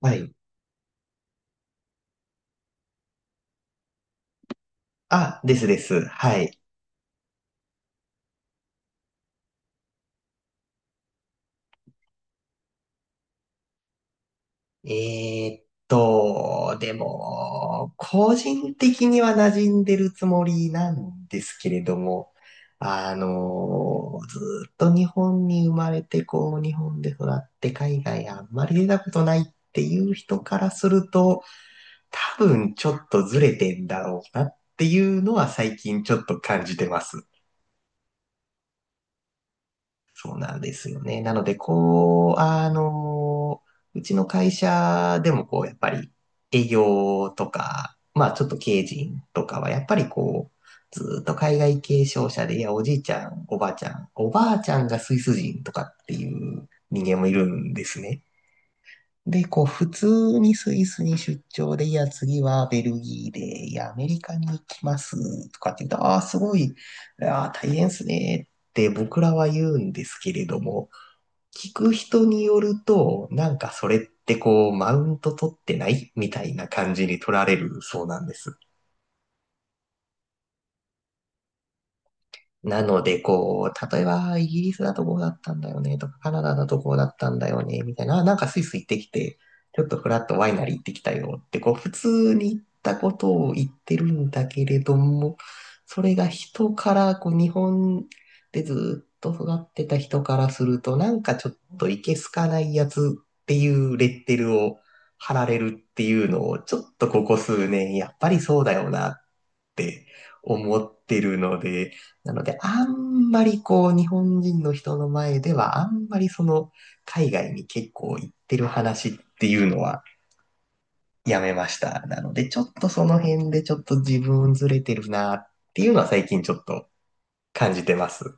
はい。あ、です。はい。でも、個人的には馴染んでるつもりなんですけれども、ずーっと日本に生まれて、こう、日本で育って海外あんまり出たことないっていう人からすると、多分ちょっとずれてんだろうなっていうのは最近ちょっと感じてます。そうなんですよね。なので、こう、うちの会社でもこう、やっぱり営業とか、まあちょっと経営陣とかは、やっぱりこう、ずっと海外継承者で、いや、おじいちゃん、おばあちゃんがスイス人とかっていう人間もいるんですね。で、こう、普通にスイスに出張で、いや、次はベルギーで、いや、アメリカに行きます、とかって言うと、ああ、すごい、ああ、大変ですね、って僕らは言うんですけれども、聞く人によると、なんかそれってこう、マウント取ってないみたいな感じに取られるそうなんです。なので、こう、例えば、イギリスだとこうだったんだよね、とか、カナダだとこうだったんだよね、みたいな、なんかスイス行ってきて、ちょっとフラットワイナリー行ってきたよって、こう、普通に行ったことを言ってるんだけれども、それが人から、こう、日本でずっと育ってた人からすると、なんかちょっといけすかないやつっていうレッテルを貼られるっていうのを、ちょっとここ数年、やっぱりそうだよなって思ってるので、なので、あんまりこう、日本人の人の前では、あんまりその、海外に結構行ってる話っていうのはやめました。なので、ちょっとその辺でちょっと自分ずれてるなっていうのは最近ちょっと感じてます。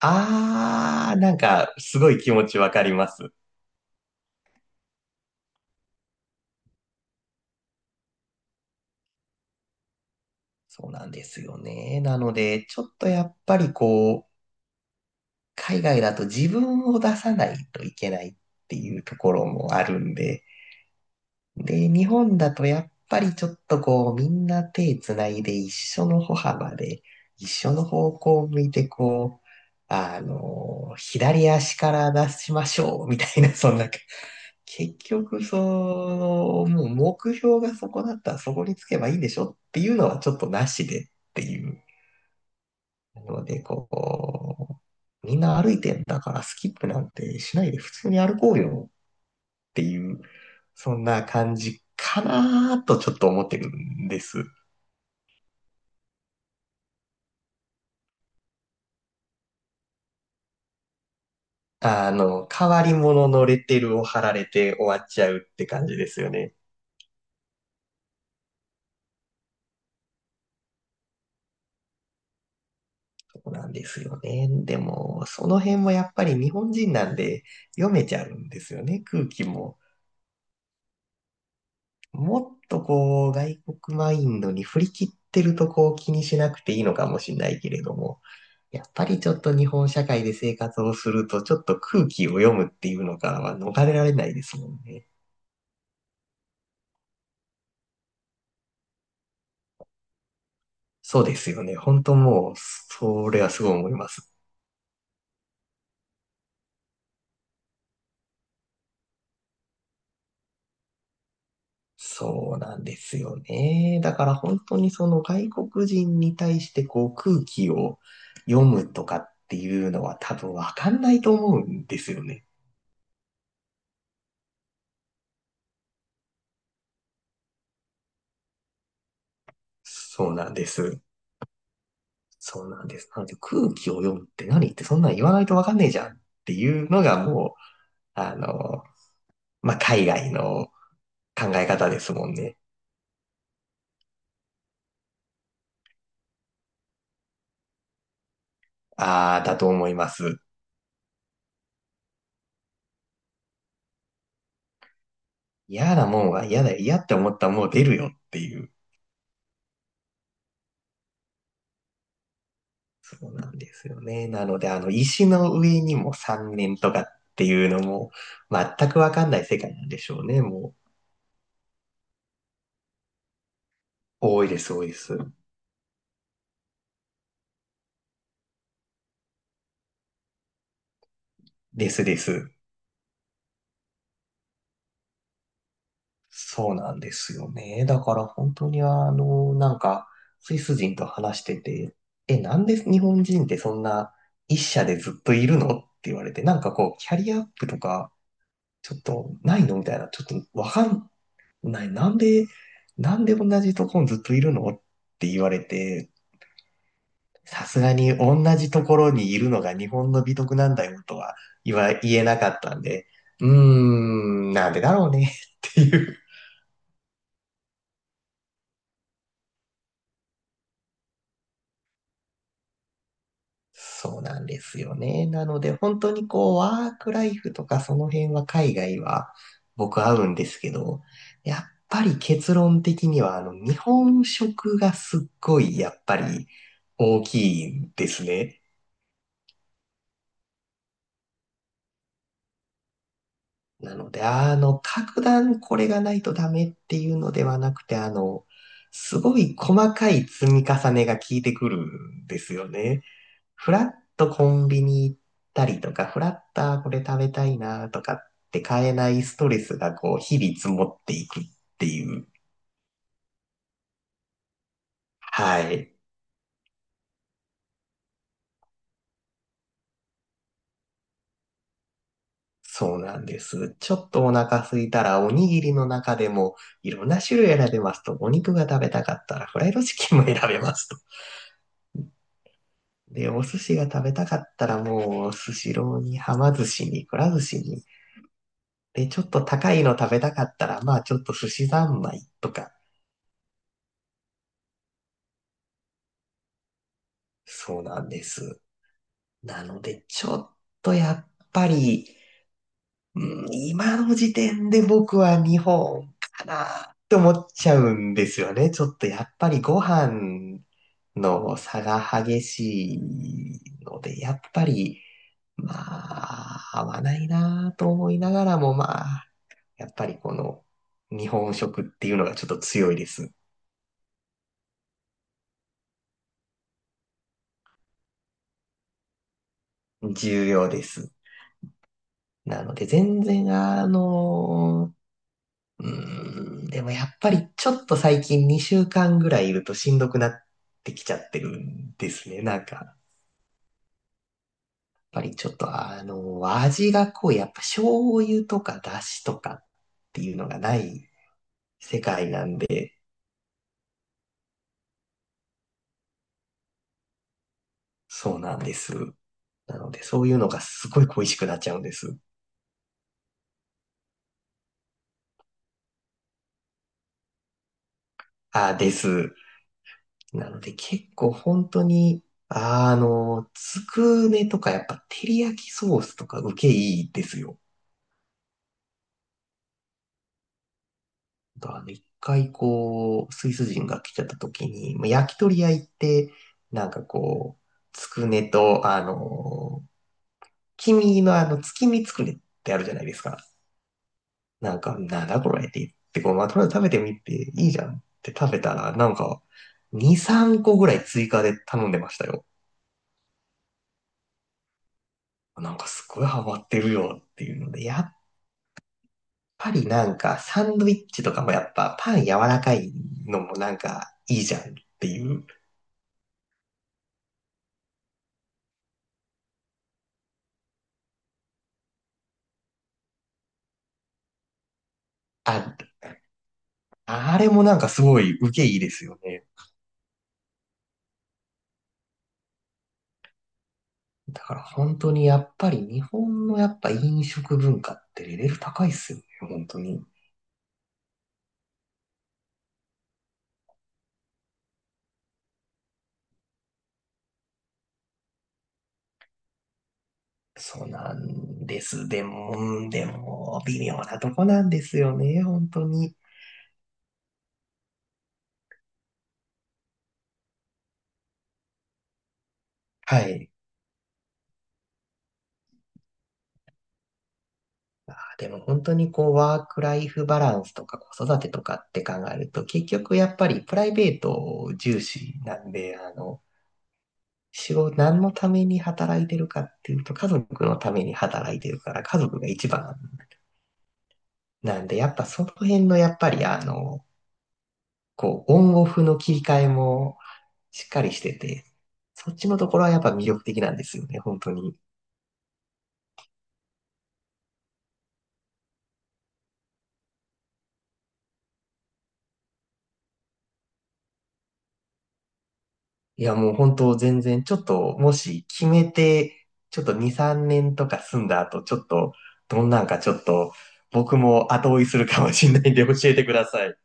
あー、なんか、すごい気持ちわかります。そうなんですよね。なので、ちょっとやっぱりこう、海外だと自分を出さないといけないっていうところもあるんで、で、日本だとやっぱりちょっとこう、みんな手つないで一緒の歩幅で、一緒の方向を向いてこう、左足から出しましょう、みたいな、そんな、結局、もう目標がそこだったらそこにつけばいいでしょっていうのはちょっとなしでっていう。ので、こう、みんな歩いてんだからスキップなんてしないで普通に歩こうよっていう、そんな感じかなーとちょっと思ってるんです。変わり者のレッテルを貼られて終わっちゃうって感じですよね。そうなんですよね。でも、その辺もやっぱり日本人なんで読めちゃうんですよね、空気も。もっとこう、外国マインドに振り切ってるとこう気にしなくていいのかもしれないけれども、やっぱりちょっと日本社会で生活をすると、ちょっと空気を読むっていうのからは逃れられないですもんね。そうですよね。本当もう、それはすごい思います。そうなんですよね。だから本当にその外国人に対してこう空気を読むとかっていうのは多分わかんないと思うんですよね。そうなんです。そうなんです。なので空気を読むって何ってそんなん言わないとわかんねえじゃんっていうのがもう、あの、まあ、海外の考え方ですもんね。ああ、だと思います。嫌なもんは嫌だよ、嫌って思ったらもう出るよっていう。そうなんですよね。なので、石の上にも3年とかっていうのも、全くわかんない世界なんでしょうね。もう、多いです、多いです。です。そうなんですよね。だから本当になんか、スイス人と話してて、え、なんで日本人ってそんな一社でずっといるのって言われて、なんかこう、キャリアアップとか、ちょっとないのみたいな、ちょっとわかんない。なんで同じとこにずっといるのって言われて、さすがに同じところにいるのが日本の美徳なんだよとは言えなかったんで、なんでだろうねっていう。そうなんですよね。なので本当にこうワークライフとかその辺は海外は僕合うんですけど、やっぱり結論的には日本食がすっごいやっぱり大きいですね。なので、格段これがないとダメっていうのではなくて、すごい細かい積み重ねが効いてくるんですよね。フラッとコンビニ行ったりとか、フラッとあーこれ食べたいなとかって買えないストレスがこう、日々積もっていくっていう。はい。そうなんです。ちょっとお腹空いたら、おにぎりの中でもいろんな種類選べますと、お肉が食べたかったらフライドチキンも選べますで、お寿司が食べたかったらもう、スシローに、はま寿司に、くら寿司に。で、ちょっと高いの食べたかったら、まあちょっと寿司三昧とか。そうなんです。なので、ちょっとやっぱり、うん今の時点で僕は日本かなって思っちゃうんですよね。ちょっとやっぱりご飯の差が激しいので、やっぱり、まあ、合わないなと思いながらも、まあ、やっぱりこの日本食っていうのがちょっと強いです。重要です。なので全然でもやっぱりちょっと最近2週間ぐらいいるとしんどくなってきちゃってるんですね。なんか、やっぱりちょっと味がこう、やっぱ醤油とか出汁とかっていうのがない世界なんで、そうなんです。なのでそういうのがすごい恋しくなっちゃうんです。あ、です。なので結構本当に、つくねとかやっぱ照り焼きソースとか受けいいですよ。一回こう、スイス人が来ちゃった時に、まあ焼き鳥屋行って、なんかこう、つくねと、黄身の月見つくねってあるじゃないですか。なんか、なんだこれって言って、こう、まあ、とりあえず食べてみていいじゃんって食べたら、なんか、2、3個ぐらい追加で頼んでましたよ。なんかすごいハマってるよっていうので、やっぱりなんかサンドイッチとかもやっぱパン柔らかいのもなんかいいじゃんっていう。あ、あれもなんかすごい受けいいですよね。だから本当にやっぱり日本のやっぱ飲食文化ってレベル高いっすよね、本当に。そうなんです。でも微妙なとこなんですよね、本当に。はい。あーでも本当にこう、ワークライフバランスとか子育てとかって考えると、結局やっぱりプライベート重視なんで、仕事、何のために働いてるかっていうと、家族のために働いてるから、家族が一番なんで、やっぱその辺のやっぱりこう、オンオフの切り替えもしっかりしてて、そっちのところはやっぱ魅力的なんですよね、本当に。いや、もう本当全然、ちょっと、もし決めて、ちょっと2、3年とか住んだ後、ちょっと、どんなんかちょっと、僕も後追いするかもしれないんで教えてください。